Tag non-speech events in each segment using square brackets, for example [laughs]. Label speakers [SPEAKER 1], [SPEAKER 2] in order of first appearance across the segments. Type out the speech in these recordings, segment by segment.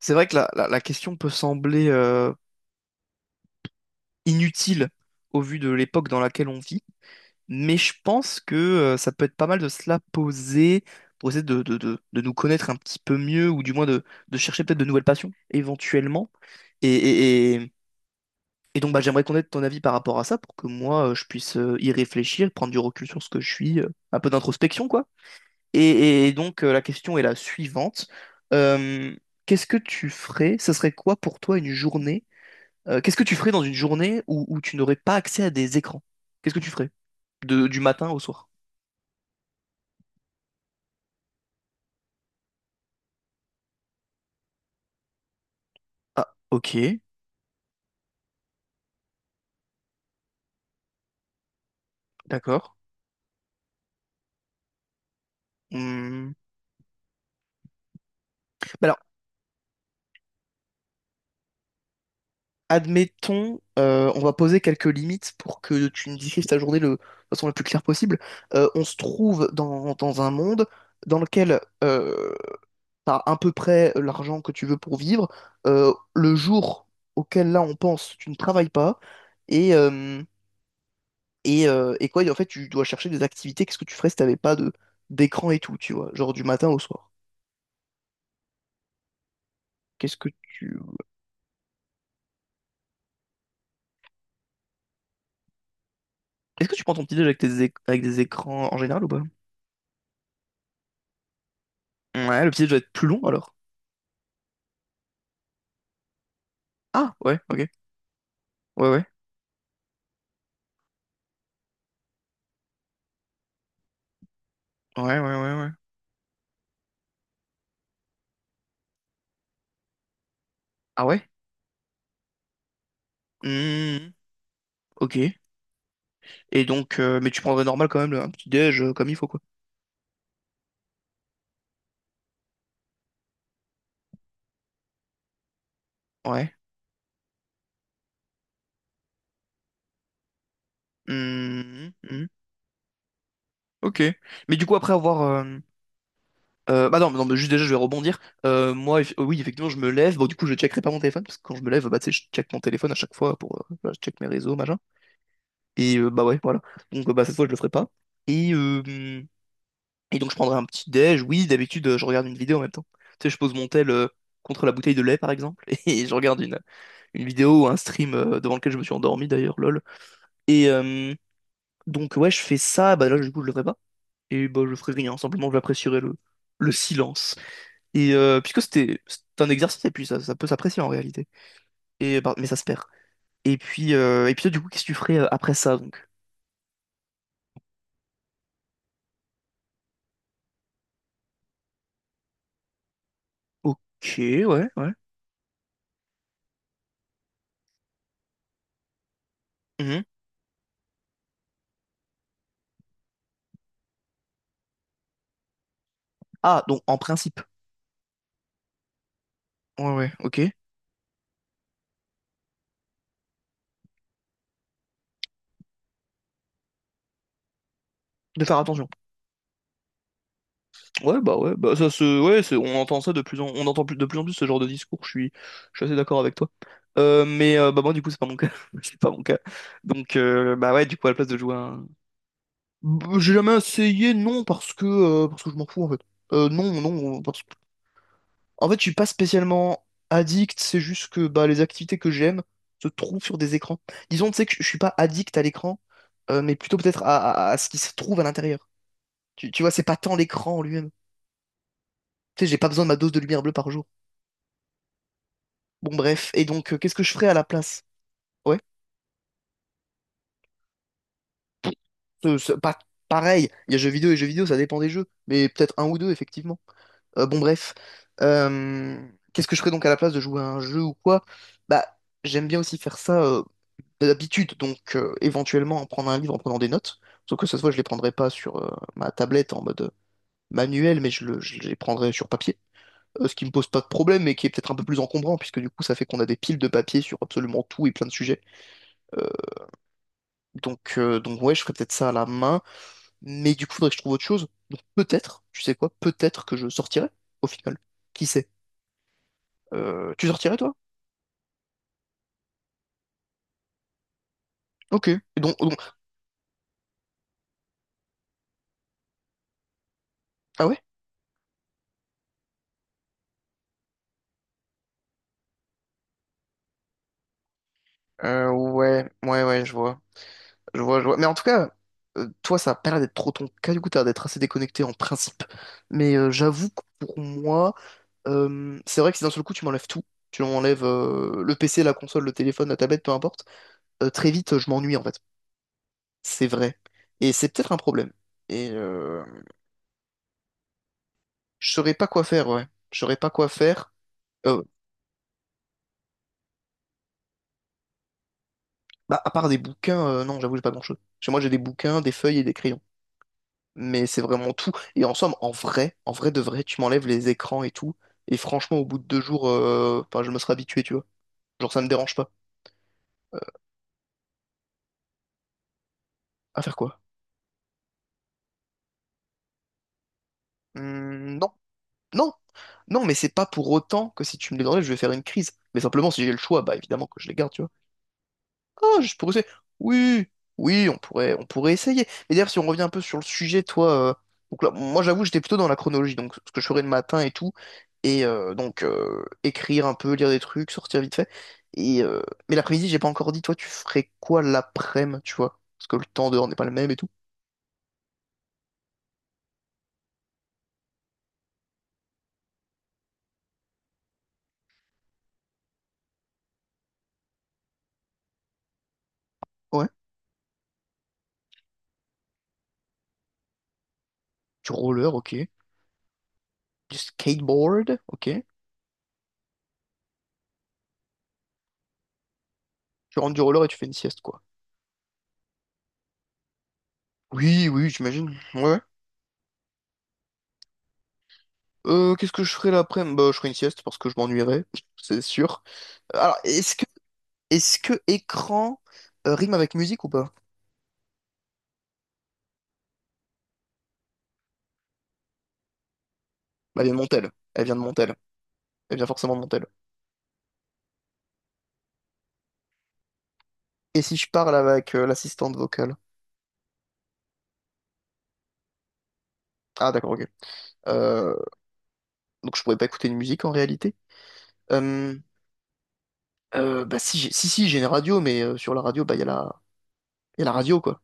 [SPEAKER 1] C'est vrai que la question peut sembler inutile au vu de l'époque dans laquelle on vit, mais je pense que ça peut être pas mal de se la poser pour essayer de nous connaître un petit peu mieux, ou du moins de chercher peut-être de nouvelles passions, éventuellement. Et, et- et- et donc bah, j'aimerais connaître ton avis par rapport à ça, pour que moi je puisse y réfléchir, prendre du recul sur ce que je suis, un peu d'introspection, quoi. Et donc la question est la suivante. Euh, Qu'est-ce que tu ferais? Ce serait quoi pour toi une journée? Qu'est-ce que tu ferais dans une journée où tu n'aurais pas accès à des écrans? Qu'est-ce que tu ferais de, du matin au soir? Ah, ok, d'accord. Hmm. Bah alors, admettons, on va poser quelques limites pour que tu nous décrives ta journée le, de façon la plus claire possible. On se trouve dans un monde dans lequel t'as à peu près l'argent que tu veux pour vivre. Le jour auquel là on pense, tu ne travailles pas. Et, euh, et quoi, et en fait, tu dois chercher des activités. Qu'est-ce que tu ferais si t'avais pas de d'écran et tout, tu vois, genre du matin au soir. Qu'est-ce que tu est-ce que tu prends ton petit déj avec tes éc- avec des écrans en général ou pas? Ouais, le petit déj doit être plus long alors. Ah ouais, ok, ouais ouais, ouais ouais ouais ouais. Ah ouais? Hmm, ok. Et donc, mais tu prendrais normal quand même le- un petit déj comme il faut quoi. Ouais. Hmm, hmm, ok. Mais du coup après avoir bah non, non, mais juste déjà, je vais rebondir. Moi, eff- oui, effectivement, je me lève. Bon, du coup, je checkerai pas mon téléphone, parce que quand je me lève, bah, tu sais, je check mon téléphone à chaque fois pour, voilà, je check mes réseaux, machin. Et bah ouais, voilà. Donc, bah, cette fois, je le ferai pas. Et, euh, et donc, je prendrai un petit déj. Oui, d'habitude, je regarde une vidéo en même temps. Tu sais, je pose mon tel contre la bouteille de lait, par exemple, [laughs] et je regarde une vidéo ou un stream devant lequel je me suis endormi, d'ailleurs, lol. Et donc, ouais, je fais ça. Bah là, du coup, je le ferai pas. Et bah, je ferai rien. Simplement, j'apprécierai le silence. Et puisque c'est un exercice, et puis ça peut s'apprécier en réalité. Et, bah, mais ça se perd. Et puis toi, du coup, qu'est-ce que tu ferais après ça, donc? Ok, ouais, ouais. Mhm. Ah, donc en principe. Ouais, ouais, ok. De faire attention. Ouais, bah ça se. Ouais, c'est- on entend ça de plus en on entend plus, de plus en plus ce genre de discours, je suis assez d'accord avec toi. Mais bah moi du coup c'est pas mon cas. [laughs] C'est pas mon cas. Donc bah ouais, du coup à la place de jouer à un. Bah, j'ai jamais essayé, non, parce que je m'en fous en fait. Non, non, parce en fait, je suis pas spécialement addict, c'est juste que bah, les activités que j'aime se trouvent sur des écrans. Disons, tu sais que je suis pas addict à l'écran, mais plutôt peut-être à, à ce qui se trouve à l'intérieur. Tu vois, c'est pas tant l'écran en lui-même. Tu sais, j'ai pas besoin de ma dose de lumière bleue par jour. Bon, bref. Et donc, qu'est-ce que je ferais à la place? Ouais. Pas pareil. Il y a jeux vidéo et jeux vidéo, ça dépend des jeux. Mais peut-être un ou deux, effectivement. Bon, bref. Euh, Qu'est-ce que je ferais donc à la place de jouer à un jeu ou quoi? Bah, j'aime bien aussi faire ça d'habitude, donc éventuellement en prendre un livre en prenant des notes. Sauf que cette fois, je les prendrai pas sur ma tablette en mode manuel, mais je, le- je les prendrai sur papier. Ce qui me pose pas de problème, mais qui est peut-être un peu plus encombrant, puisque du coup, ça fait qu'on a des piles de papier sur absolument tout et plein de sujets. Euh, donc ouais, je ferais peut-être ça à la main, mais du coup, faudrait que je trouve autre chose. Donc peut-être, tu sais quoi, peut-être que je sortirai au final. Qui sait? Tu sortirais toi? Ok. Donc- ah ouais? Ouais, ouais, ouais, je vois. Je vois, je vois. Mais en tout cas, toi, ça a pas l'air d'être trop ton cas, du coup, t'as l'air d'être assez déconnecté en principe. Mais j'avoue que pour moi, c'est vrai que si d'un seul coup, tu m'enlèves tout, tu m'enlèves le PC, la console, le téléphone, la tablette, peu importe, très vite, je m'ennuie, en fait. C'est vrai. Et c'est peut-être un problème. Et je saurais pas quoi faire, ouais. Je saurais pas quoi faire. Euh, bah, à part des bouquins, non, j'avoue, j'ai pas grand-chose. Chez moi, j'ai des bouquins, des feuilles et des crayons, mais c'est vraiment tout. Et en somme, en vrai de vrai, tu m'enlèves les écrans et tout. Et franchement, au bout de deux jours, enfin, je me serais habitué, tu vois. Genre, ça me dérange pas. À faire quoi? Hmm, non, non, non, mais c'est pas pour autant que si tu me les enlèves, je vais faire une crise. Mais simplement, si j'ai le choix, bah évidemment que je les garde, tu vois. Ah, juste pour essayer. Oui, oui, on pourrait essayer. Mais d'ailleurs, si on revient un peu sur le sujet, toi, donc là, moi j'avoue, j'étais plutôt dans la chronologie, donc ce que je ferais le matin et tout, et écrire un peu, lire des trucs, sortir vite fait. Et mais l'après-midi, j'ai pas encore dit, toi, tu ferais quoi l'après-midi, tu vois? Parce que le temps dehors n'est pas le même et tout. Ouais. Du roller, ok. Du skateboard, ok. Tu rentres du roller et tu fais une sieste, quoi. Oui, oui, j'imagine. Ouais. Qu'est-ce que je ferais l'après-midi? Bah, je ferais une sieste parce que je m'ennuierais, [laughs] c'est sûr. Alors, est-ce que est-ce que écran rime avec musique ou pas? Bah, elle vient de Montel. Elle vient de Montel. Elle vient forcément de Montel. Et si je parle avec l'assistante vocale? Ah d'accord, ok. Euh, donc je pourrais pas écouter une musique en réalité. Euh, bah si, j'ai- si, si, j'ai une radio, mais sur la radio, bah il y a la radio quoi.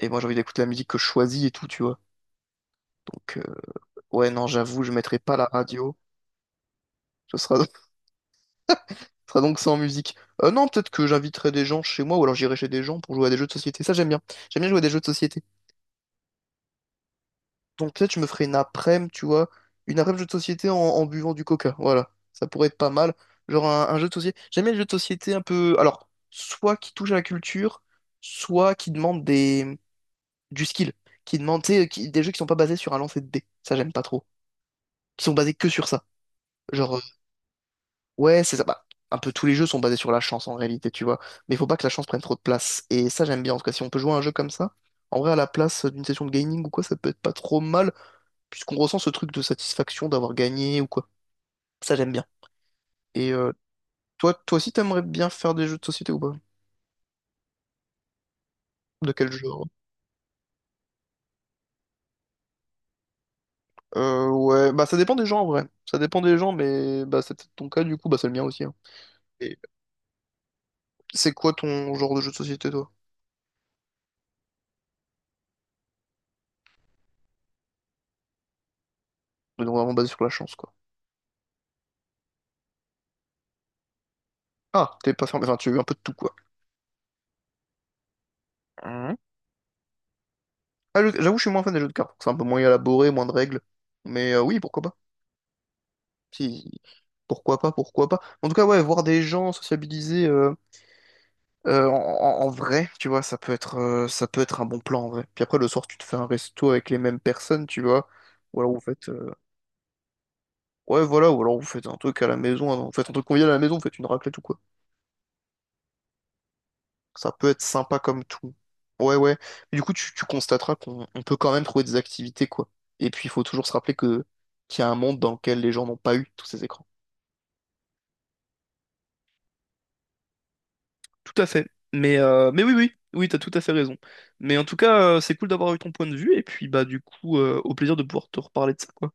[SPEAKER 1] Et moi j'ai envie d'écouter la musique que je choisis et tout, tu vois. Donc ouais, non, j'avoue, je mettrai pas la radio. Ce sera, [laughs] ce sera donc sans musique. Non, peut-être que j'inviterai des gens chez moi ou alors j'irai chez des gens pour jouer à des jeux de société. Ça j'aime bien. J'aime bien jouer à des jeux de société. Donc peut-être je me ferais une après-midi, tu vois, une après-midi jeu de société en, en buvant du coca. Voilà, ça pourrait être pas mal. Genre un jeu de société. J'aime bien les jeux de société un peu. Alors, soit qui touche à la culture, soit qui demande des du skill, qui demande tu sais, qui- des jeux qui sont pas basés sur un lancer de dés. Ça j'aime pas trop. Qui sont basés que sur ça. Genre ouais, c'est ça. Bah, un peu tous les jeux sont basés sur la chance en réalité, tu vois. Mais il faut pas que la chance prenne trop de place. Et ça, j'aime bien. En tout cas, si on peut jouer à un jeu comme ça, en vrai, à la place d'une session de gaming ou quoi, ça peut être pas trop mal, puisqu'on ressent ce truc de satisfaction d'avoir gagné ou quoi. Ça, j'aime bien. Et toi aussi, t'aimerais bien faire des jeux de société ou pas? De quel genre? Ouais, bah ça dépend des gens en vrai. Ça dépend des gens, mais bah c'est peut-être ton cas du coup, bah c'est le mien aussi, hein. Et c'est quoi ton genre de jeu de société, toi? Donc vraiment basé sur la chance, quoi. Ah, t'es pas fermé, enfin tu as eu un peu de tout, quoi. Ah, je- j'avoue, je suis moins fan des jeux de cartes, parce que c'est un peu moins élaboré, moins de règles. Mais oui, pourquoi pas. Si, pourquoi pas, pourquoi pas. En tout cas, ouais, voir des gens sociabiliser en, en vrai, tu vois, ça peut être un bon plan en vrai. Puis après, le soir, tu te fais un resto avec les mêmes personnes, tu vois. Ou alors vous faites, ouais, voilà, ou alors vous faites un truc à la maison, hein. Vous faites un truc convivial à la maison, vous faites une raclette ou quoi. Ça peut être sympa comme tout. Ouais, ouais. Mais du coup, tu constateras qu'on on peut quand même trouver des activités, quoi. Et puis, il faut toujours se rappeler que qu'il y a un monde dans lequel les gens n'ont pas eu tous ces écrans. Tout à fait. Mais oui, oui, oui, t'as tout à fait raison. Mais en tout cas, c'est cool d'avoir eu ton point de vue, et puis bah du coup, au plaisir de pouvoir te reparler de ça, quoi.